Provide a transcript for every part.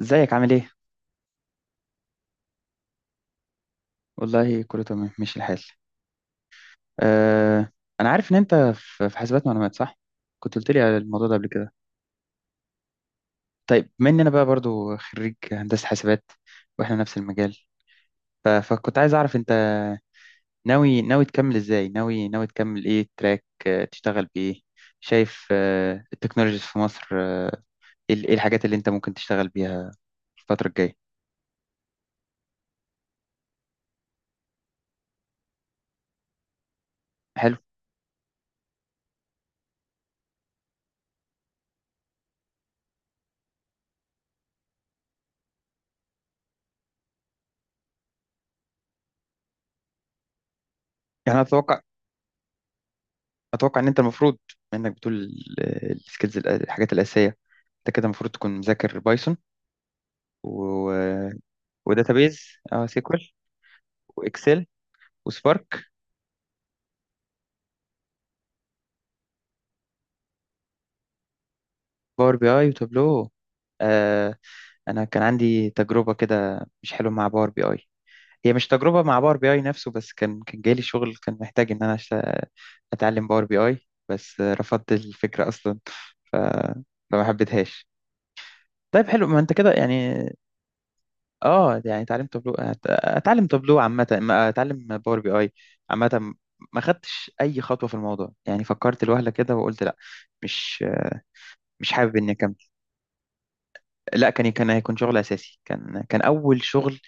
ازيك عامل ايه؟ والله كله تمام ماشي الحال. أه انا عارف ان انت في حاسبات معلومات صح؟ كنت قلت لي على الموضوع ده قبل كده. طيب بما ان انا بقى برضو خريج هندسة حاسبات، واحنا نفس المجال. فكنت عايز اعرف انت ناوي تكمل ازاي؟ ناوي تكمل ايه، تراك تشتغل بايه؟ شايف التكنولوجيز في مصر، ايه إيه الحاجات اللي انت ممكن تشتغل بيها الفترة الجاية؟ حلو. يعني اتوقع، اتوقع ان انت المفروض انك بتقول السكيلز، الحاجات الاساسيه. انت كده المفروض تكون مذاكر بايثون، و وداتابيز. اه، سيكوال واكسل وسبارك، باور بي اي وتابلو. آه. انا كان عندي تجربه كده مش حلوه مع باور بي اي. هي مش تجربه مع باور بي اي نفسه، بس كان جاي لي شغل كان محتاج ان انا اتعلم باور بي اي. بس رفضت الفكره اصلا. ف... فما حبيتهاش. طيب حلو، ما انت كده يعني. اه يعني اتعلم تابلو، اتعلم تابلو عامة، اتعلم باور بي اي عامة. ما خدتش اي خطوة في الموضوع، يعني فكرت لوهلة كده وقلت لا، مش مش حابب اني اكمل. لا، كان هيكون شغل اساسي، كان اول شغل،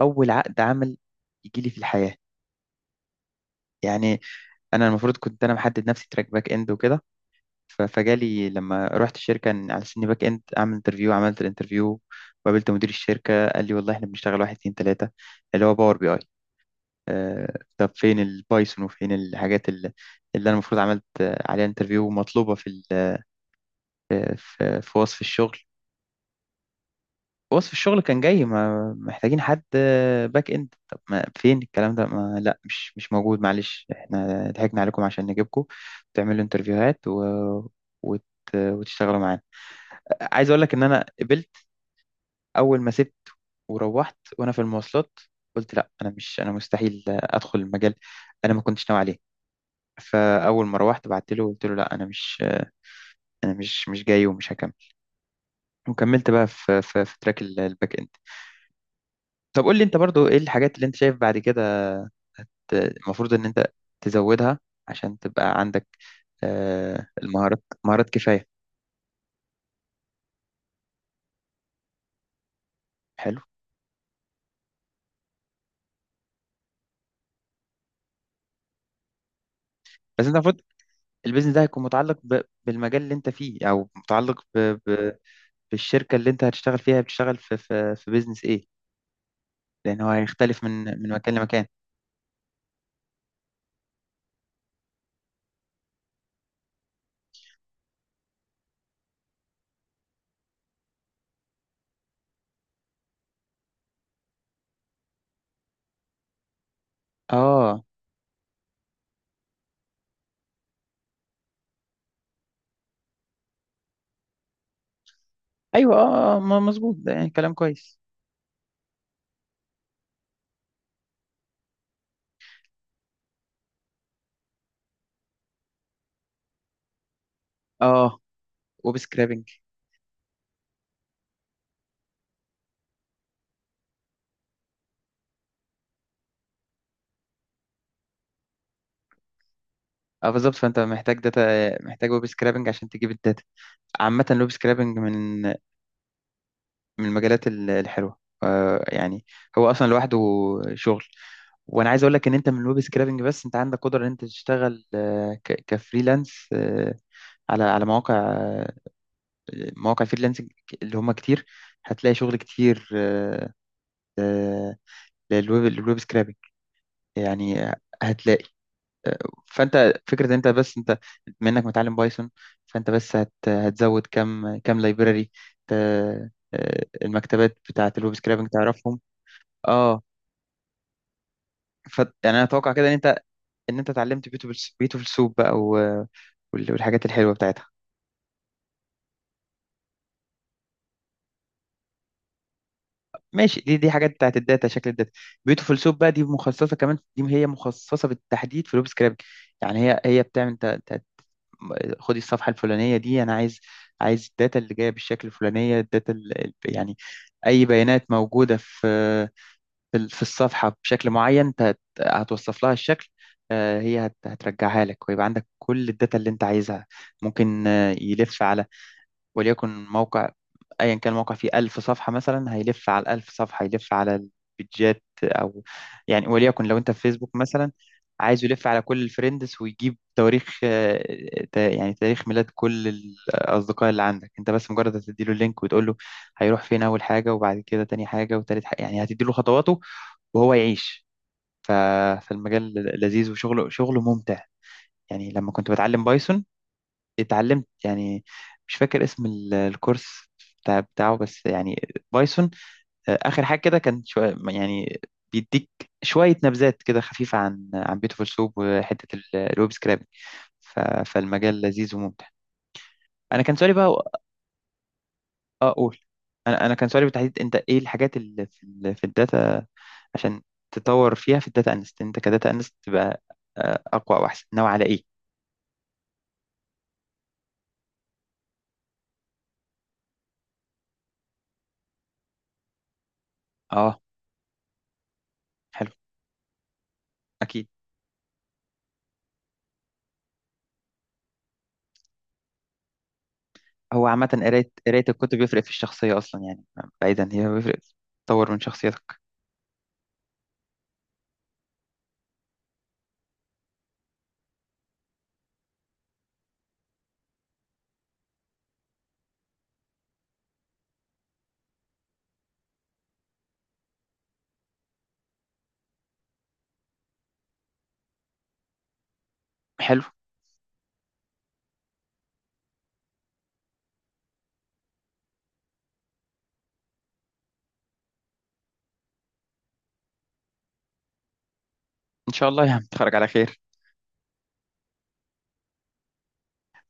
اول عقد عمل يجي لي في الحياة يعني. انا المفروض كنت انا محدد نفسي تراك باك اند وكده. فجالي لما رحت الشركة، على سني باك اند اعمل انترفيو. عملت الانترفيو وقابلت مدير الشركة، قال لي والله احنا بنشتغل واحد اتنين تلاتة، اللي هو باور بي اي. طب فين البايثون وفين الحاجات اللي، اللي انا المفروض عملت عليها انترفيو، ومطلوبه في في وصف الشغل؟ وصف الشغل كان جاي ما محتاجين حد باك اند. طب ما فين الكلام ده؟ ما لا، مش موجود. معلش، احنا ضحكنا عليكم عشان نجيبكم تعملوا انترفيوهات و... وت... وتشتغلوا معانا. عايز اقول لك ان انا قبلت. اول ما سبت وروحت وانا في المواصلات، قلت لا انا مش، انا مستحيل ادخل المجال، انا ما كنتش ناوي عليه. فاول ما روحت بعت له قلت له لا انا مش، انا مش جاي ومش هكمل. وكملت بقى في تراك الباك اند. طب قول لي انت برضو ايه الحاجات اللي انت شايف بعد كده المفروض ان انت تزودها، عشان تبقى عندك المهارات، مهارات كفاية. حلو. بس انت المفروض البيزنس ده هيكون متعلق بالمجال اللي انت فيه، او متعلق بالشركة اللي انت هتشتغل فيها. بتشتغل في بيزنس ايه؟ لان هو هيختلف من مكان لمكان. اه. ايوه اه، مظبوط، ده يعني كلام كويس. اه ويب سكرابنج. اه بالظبط، فانت محتاج داتا، محتاج ويب سكرابنج عشان تجيب الداتا. عامة الويب سكرابنج من من المجالات الحلوة، يعني. هو اصلا لوحده شغل. وانا عايز اقول لك ان انت من الويب سكرابنج بس، انت عندك قدرة ان انت تشتغل كفريلانس، على مواقع، مواقع فريلانسنج اللي هم كتير. هتلاقي شغل كتير، آه، للويب، للويب سكرابنج يعني. هتلاقي، فانت فكره ان انت بس انت بما انك متعلم بايثون، فانت بس هتزود كم، كم لايبراري، المكتبات بتاعه الويب سكرابنج تعرفهم. اه. ف يعني انا اتوقع كده ان انت، ان انت اتعلمت بيوتيفول، بيوتيفول سوب بقى والحاجات الحلوه بتاعتها. ماشي، دي حاجات بتاعت الداتا، شكل الداتا. بيوتيفول سوب بقى دي مخصصه، كمان دي هي مخصصه بالتحديد في الويب سكرابنج. يعني هي بتعمل خدي الصفحه الفلانيه دي، انا عايز، عايز الداتا اللي جايه بالشكل الفلانيه. الداتا يعني اي بيانات موجوده في في الصفحه بشكل معين، انت هتوصف لها الشكل، هي هترجعها لك، ويبقى عندك كل الداتا اللي انت عايزها. ممكن يلف على، وليكن موقع ايا كان الموقع فيه 1000 صفحه مثلا، هيلف على ال 1000 صفحه، هيلف على البيدجات او، يعني وليكن لو انت في فيسبوك مثلا، عايزه يلف على كل الفريندز ويجيب تواريخ، يعني تاريخ ميلاد كل الاصدقاء اللي عندك. انت بس مجرد هتديله اللينك وتقول له هيروح فين اول حاجه، وبعد كده تاني حاجه، وتالت حاجه، يعني هتديله خطواته وهو يعيش. ف- فالمجال لذيذ، شغله ممتع. يعني لما كنت بتعلم بايثون، اتعلمت يعني، مش فاكر اسم الكورس بتاعه، بس يعني بايثون. اخر حاجه كده كان شوية يعني بيديك شويه نبذات كده خفيفه عن بيوتيفول سوب، وحته الويب سكرابنج. فالمجال لذيذ وممتع. انا كان سؤالي بقى، اه اقول، انا كان سؤالي بالتحديد، انت ايه الحاجات اللي في في الداتا عشان تطور فيها، في الداتا انست؟ انت كداتا انست تبقى اقوى واحسن، ناوي على ايه؟ اه. حلو. اكيد. هو عامة قراية الكتب بيفرق في الشخصية أصلا يعني. بعيدا هي بيفرق، تطور من شخصيتك. حلو. إن شاء الله يعني تخرج على خير.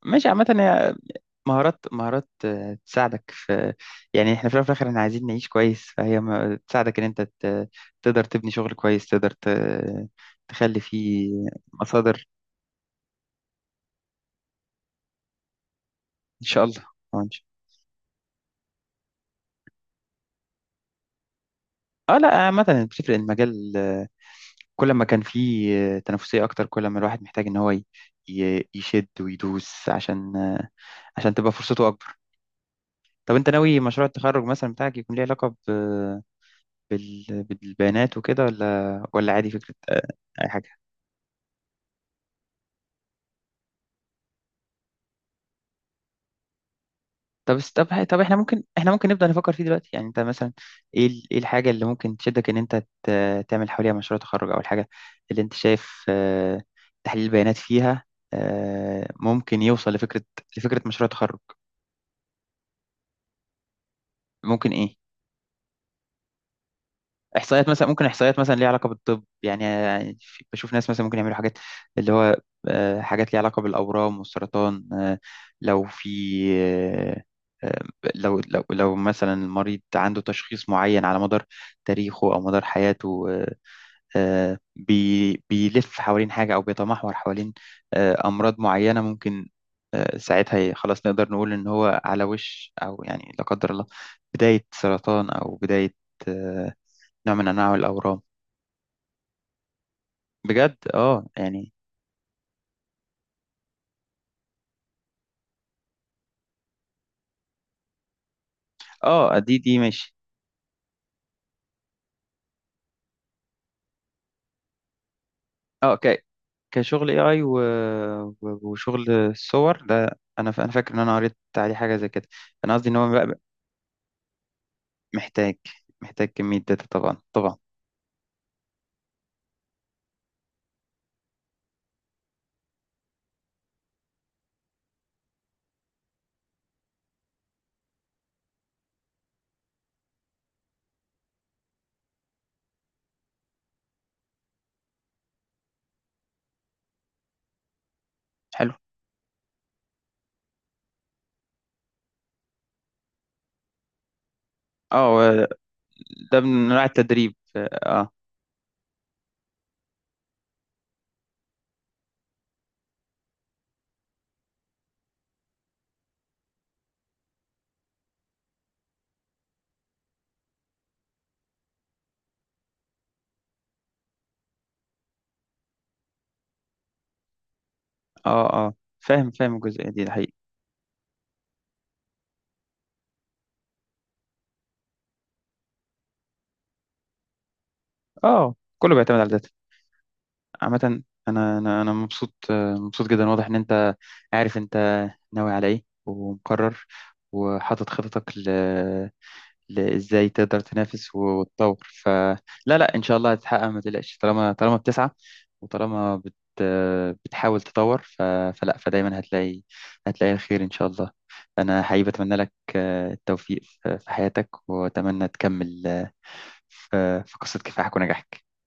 ماشي، عامة هي مهارات، مهارات تساعدك في، يعني احنا في الأول وفي الآخر احنا عايزين نعيش كويس. فهي تساعدك إن أنت تقدر تبني شغل كويس، تقدر تخلي فيه مصادر، إن شاء الله. آه، إن شاء- اه لا عامة بتفرق. المجال كل ما كان في تنافسية أكتر، كل ما الواحد محتاج إن هو يشد ويدوس، عشان عشان تبقى فرصته أكبر. طب أنت ناوي مشروع التخرج مثلا بتاعك يكون ليه علاقة بالبيانات وكده، ولا عادي فكرة أي حاجة؟ طب إحنا ممكن، إحنا ممكن نبدأ نفكر فيه دلوقتي يعني. أنت مثلا إيه إيه الحاجة اللي ممكن تشدك إن أنت تعمل حواليها مشروع تخرج، أو الحاجة اللي أنت شايف تحليل البيانات فيها، ممكن يوصل لفكرة، لفكرة مشروع تخرج. ممكن إيه، احصائيات مثلا، ممكن احصائيات مثلا ليها علاقه بالطب يعني. يعني بشوف ناس مثلا ممكن يعملوا حاجات، اللي هو حاجات ليها علاقه بالاورام والسرطان. لو في، آه، آه، لو مثلا المريض عنده تشخيص معين على مدار تاريخه او مدار حياته، بيلف حوالين حاجة، أو بيتمحور حوالين أمراض معينة. ممكن ساعتها خلاص نقدر نقول إن هو على وش، أو يعني لا قدر الله بداية سرطان، أو بداية آه، نوع من أنواع الأورام. بجد اه يعني. اه دي دي ماشي. اه كشغل AI و... وشغل الصور ده، أنا ف... أنا فاكر إن أنا قريت عليه حاجة زي كده. أنا قصدي إن هو بقى محتاج، محتاج كمية داتا طبعا، طبعا. حلو. اه. ده من انواع التدريب اه. اه. اه فاهم، فاهم الجزئيه دي، ده حقيقي. اه كله بيعتمد على الداتا عامه. انا مبسوط، مبسوط جدا. واضح ان انت عارف انت ناوي على ايه، ومقرر، وحاطط خططك ازاي تقدر تنافس وتطور. فلا، لا لا، ان شاء الله هتتحقق، ما تقلقش. طالما، طالما بتسعى، وطالما بتحاول تطور، فلا، فدايما هتلاقي، هتلاقي الخير ان شاء الله. انا حقيقي بتمنى لك التوفيق في حياتك، واتمنى تكمل في قصة كفاحك ونجاحك.